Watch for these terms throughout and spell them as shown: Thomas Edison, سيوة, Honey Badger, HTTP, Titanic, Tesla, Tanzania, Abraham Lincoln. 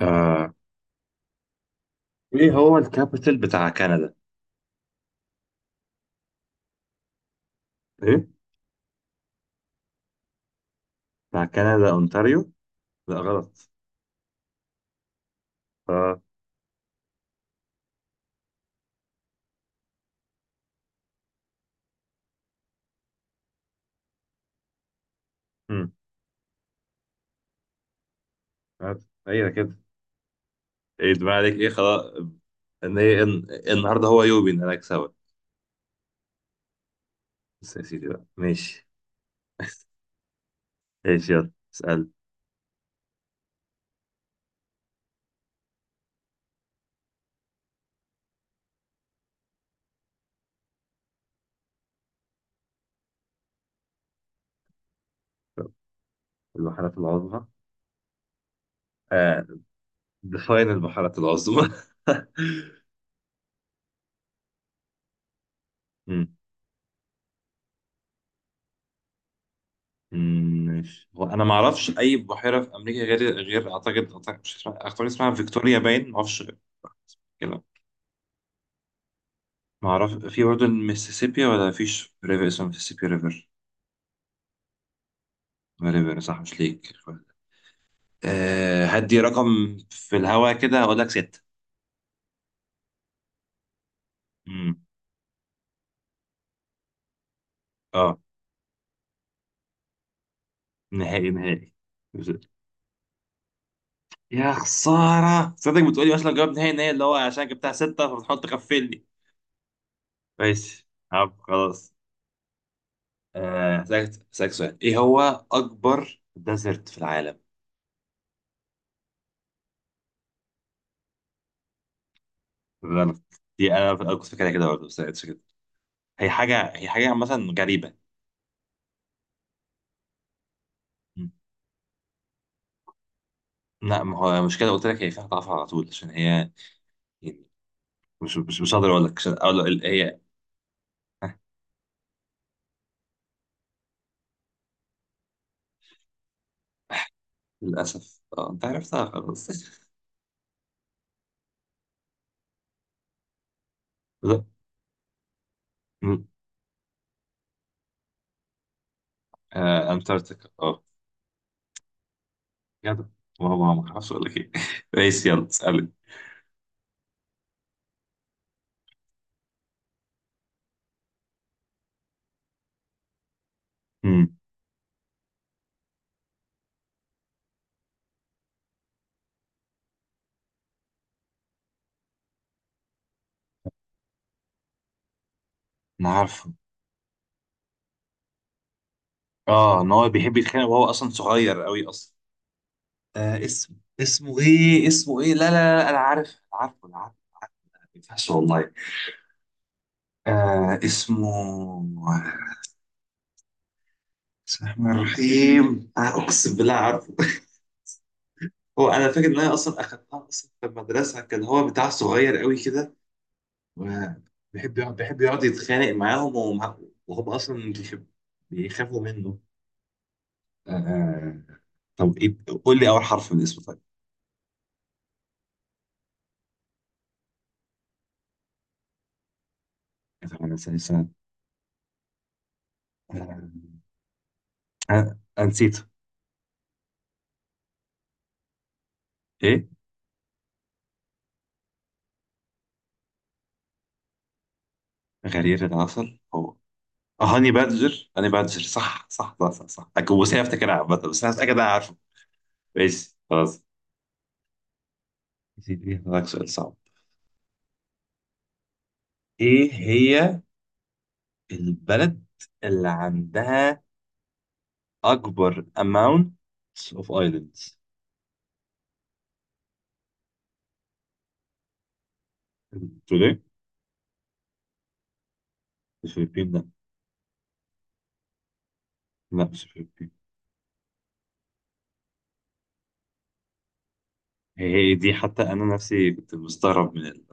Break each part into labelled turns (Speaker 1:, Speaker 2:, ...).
Speaker 1: آه. ايه هو الكابيتال بتاع كندا؟ ايه؟ بتاع كندا اونتاريو؟ لا غلط. آه. مم. آه. ايه كده؟ ايه دماغ عليك؟ ايه خلاص. النهارده هو يوبي ان انا اكسبك. بس يا سيدي بقى ماشي. ايش يلا اسال. البحيرات العظمى. آه. ديفاين البحيرات العظمى. مم. مم، ماشي. هو انا ما اعرفش اي بحيره في امريكا، غير اعتقد مش اعتقد اسمها فيكتوريا، باين ما اعرفش. ما اعرف في برضه الميسيسيبي، ولا فيش ريفر اسمه ميسيسيبي ريفر، صح مش ليك. أه، هدي رقم في الهوا كده. اقول لك ستة. امم اه، نهائي نهائي. يا خسارة، صدق بتقولي مثلا جواب نهائي نهائي، اللي هو عشان جبتها ستة فبتحط تغفلني. ماشي عب خلاص. هسألك سؤال. ايه هو أكبر ديزرت في العالم؟ غلط. دي أنا كنت فاكرها كده برضه، بس ما لقيتش كده. هي حاجة مثلا غريبة. لا، ما هو مش كده، قلت لك هي فيها ضعف على طول عشان هي يعني. مش هقدر اقول لك عشان اقول هي. آه، للاسف اه انت عرفتها خلاص. لا. م. انتاركتيكا، اه. جدع. والله ما اعرفش اقول لك ايه. ماشي، يلا اسالك. امم. انا عارفه. اه، ان هو بيحب يتخانق، وهو اصلا صغير قوي اصلا. اسمه ايه؟ اسمه ايه؟ لا لا. لا، انا عارف، انا عارفه، انا عارفه، أنا عارفه. ما ينفعش والله. اسمه. بسم الله الرحمن الرحيم، اقسم بالله عارفه. هو انا فاكر ان انا اصلا اخدتها اصلا في المدرسه. كان هو بتاع صغير قوي كده، وبيحب يقعد بيحب يقعد يتخانق معاهم، وهم اصلا بيخافوا منه. آه. آه. طب ايه؟ قول لي اول حرف من اسمه طيب. انا سنة. آه. آه. نسيته. ايه؟ غرير العسل، هو. هاني بادجر، هاني بادجر، صح صح صح صح, صح. بس أنا كنت بصير افتكرها عامة، بس انا متاكد إن انا عارفه. ماشي خلاص. هسألك سؤال صعب. ايه هي البلد اللي عندها اكبر amount of islands؟ تقول ايه؟ الفلبين، لا. لا مش الفلبين. هي دي، حتى انا نفسي كنت مستغرب من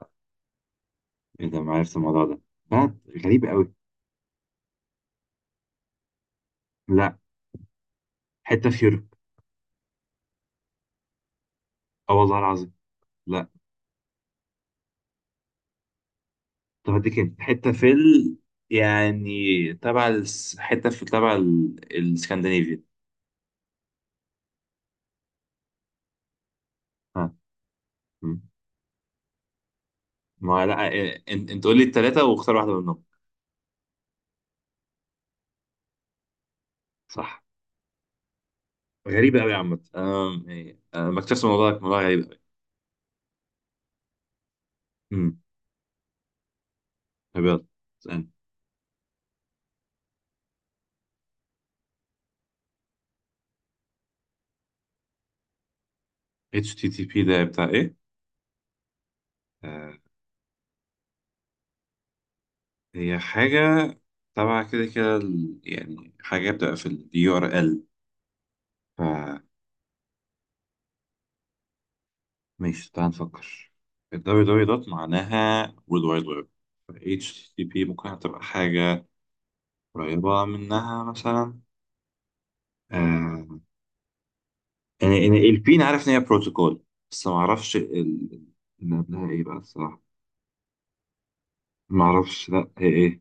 Speaker 1: ايه ده، ما عرفت الموضوع ده. بلد غريب قوي. لا، حته في يوروب. اه والله العظيم. لا. طب اديك hint. حته في تبع الاسكندنافيا. ها. مم. ما لا إيه، انت قول لي الثلاثه واختار واحده منهم. صح. غريبه قوي يا عم. إيه، أنا ما اكتشفت الموضوع ده، الموضوع غريب قوي. امم. طب يلا اسألني. HTTP ده بتاع ايه؟ آه هي حاجة تبع كده كده، يعني حاجة بتبقى في ال URL. فماشي. تعال نفكر. ال www دوت معناها World Wide Web. ف HTTP ممكن تبقى حاجة قريبة منها مثلا. آه يعني ال P أنا عارف إن هي بروتوكول، بس معرفش اللي قبلها إيه بقى الصراحة. معرفش، لأ هي إيه.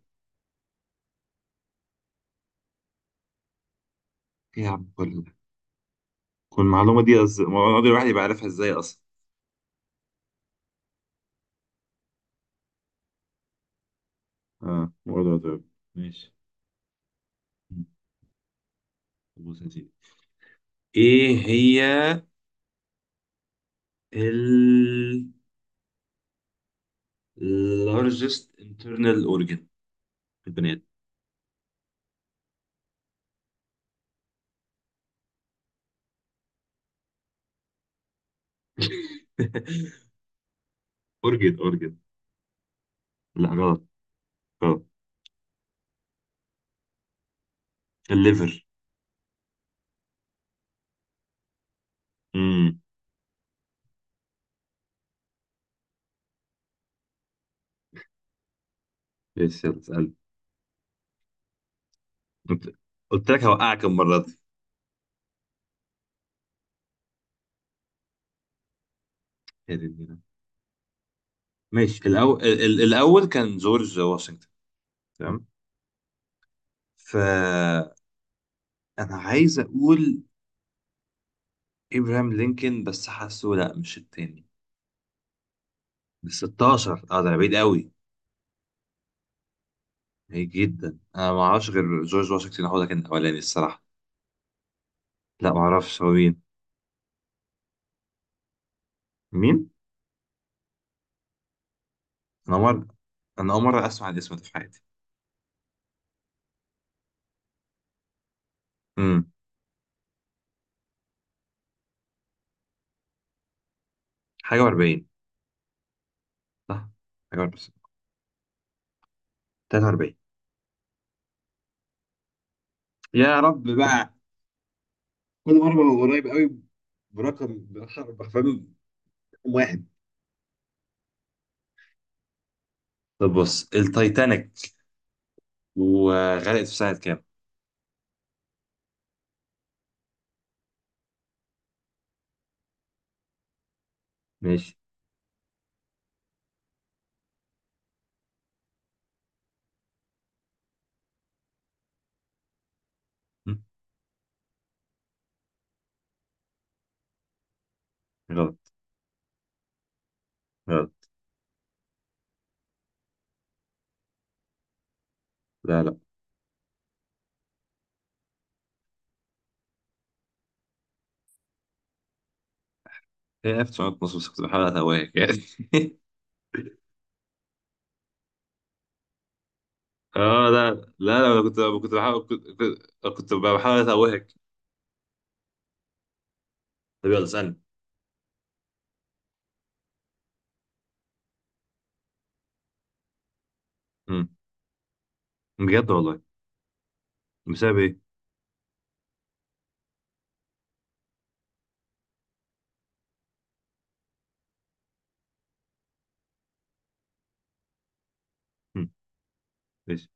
Speaker 1: إيه يا عم كل ده؟ كل المعلومة دي المعلومة دي الواحد يبقى عارفها إزاي أصلا. World Wide Web. ماشي. بص يا سيدي. ايه هي ال largest internal organ في البني ادم؟ Organ. لا غلط. غلط. الليفر. امم. ماشي يلا اسال. قلت قلت لك هوقعك المره دي. يا دي النيلة. ماشي. الأول كان جورج واشنطن، تمام. فأنا عايز أقول إبراهام لينكولن، بس حاسه لأ، مش التاني. بس 16، اه، ده بعيد قوي. بعيد جدا. أنا ما أعرفش غير جورج واشنطن، هو ده كان الأولاني الصراحة. لا، معرفش هو مين. مين؟ انا أول مرة انا اول مرة اسمع الاسم ده في حياتي. امم. حاجة و40، صح، حاجة و40، 43. يا رب بقى. كل مرة ببقى قريب قوي، برقم بحرفين. واحد. طب بص، التايتانيك وغرقت في سنة كام؟ ماشي. مم. غلط. غلط. لا لا، هي 1912، بس كنت بحاول اتوهك يعني. اه لا لا لا. أنا كنت بحاول، كنت بحاول اتوهك. طب يلا اسالني. مم. بجد والله. بسبب ايه؟ مم. ماشي.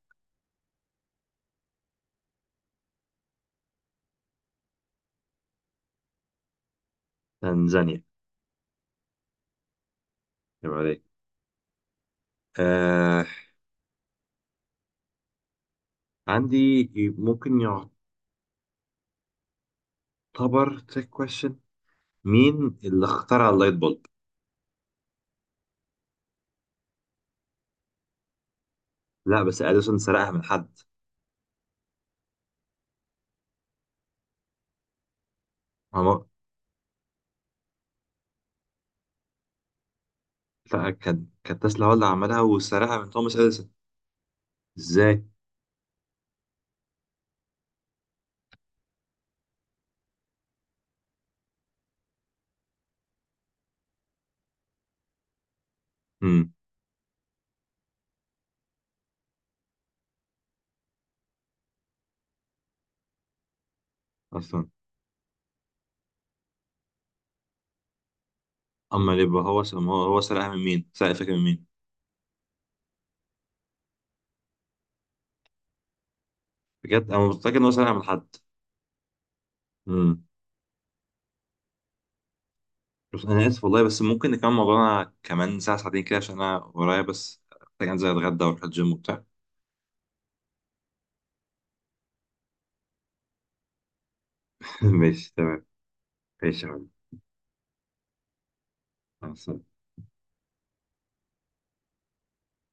Speaker 1: تنزانيا. يبقى عليك. آه، عندي، ممكن يعتبر تريك كويشن. مين اللي اخترع اللايت بولب؟ لا بس اديسون سرقها من حد. هو. لا كان، كانت تسلا. هو اللي عملها وسرقها من توماس اديسون. ازاي. امم. اصلا. اما اللي يبقى هو هو سرقها من مين؟ سرق الفكره من مين؟ بجد انا متاكد ان هو سرقها من حد. امم. بس انا اسف والله، بس ممكن نكمل موضوعنا كمان ساعه ساعتين كده، عشان انا ورايا، بس محتاج انزل اتغدى واروح الجيم وبتاع. ماشي تمام. ماشي يا حبيبي. مع السلامة.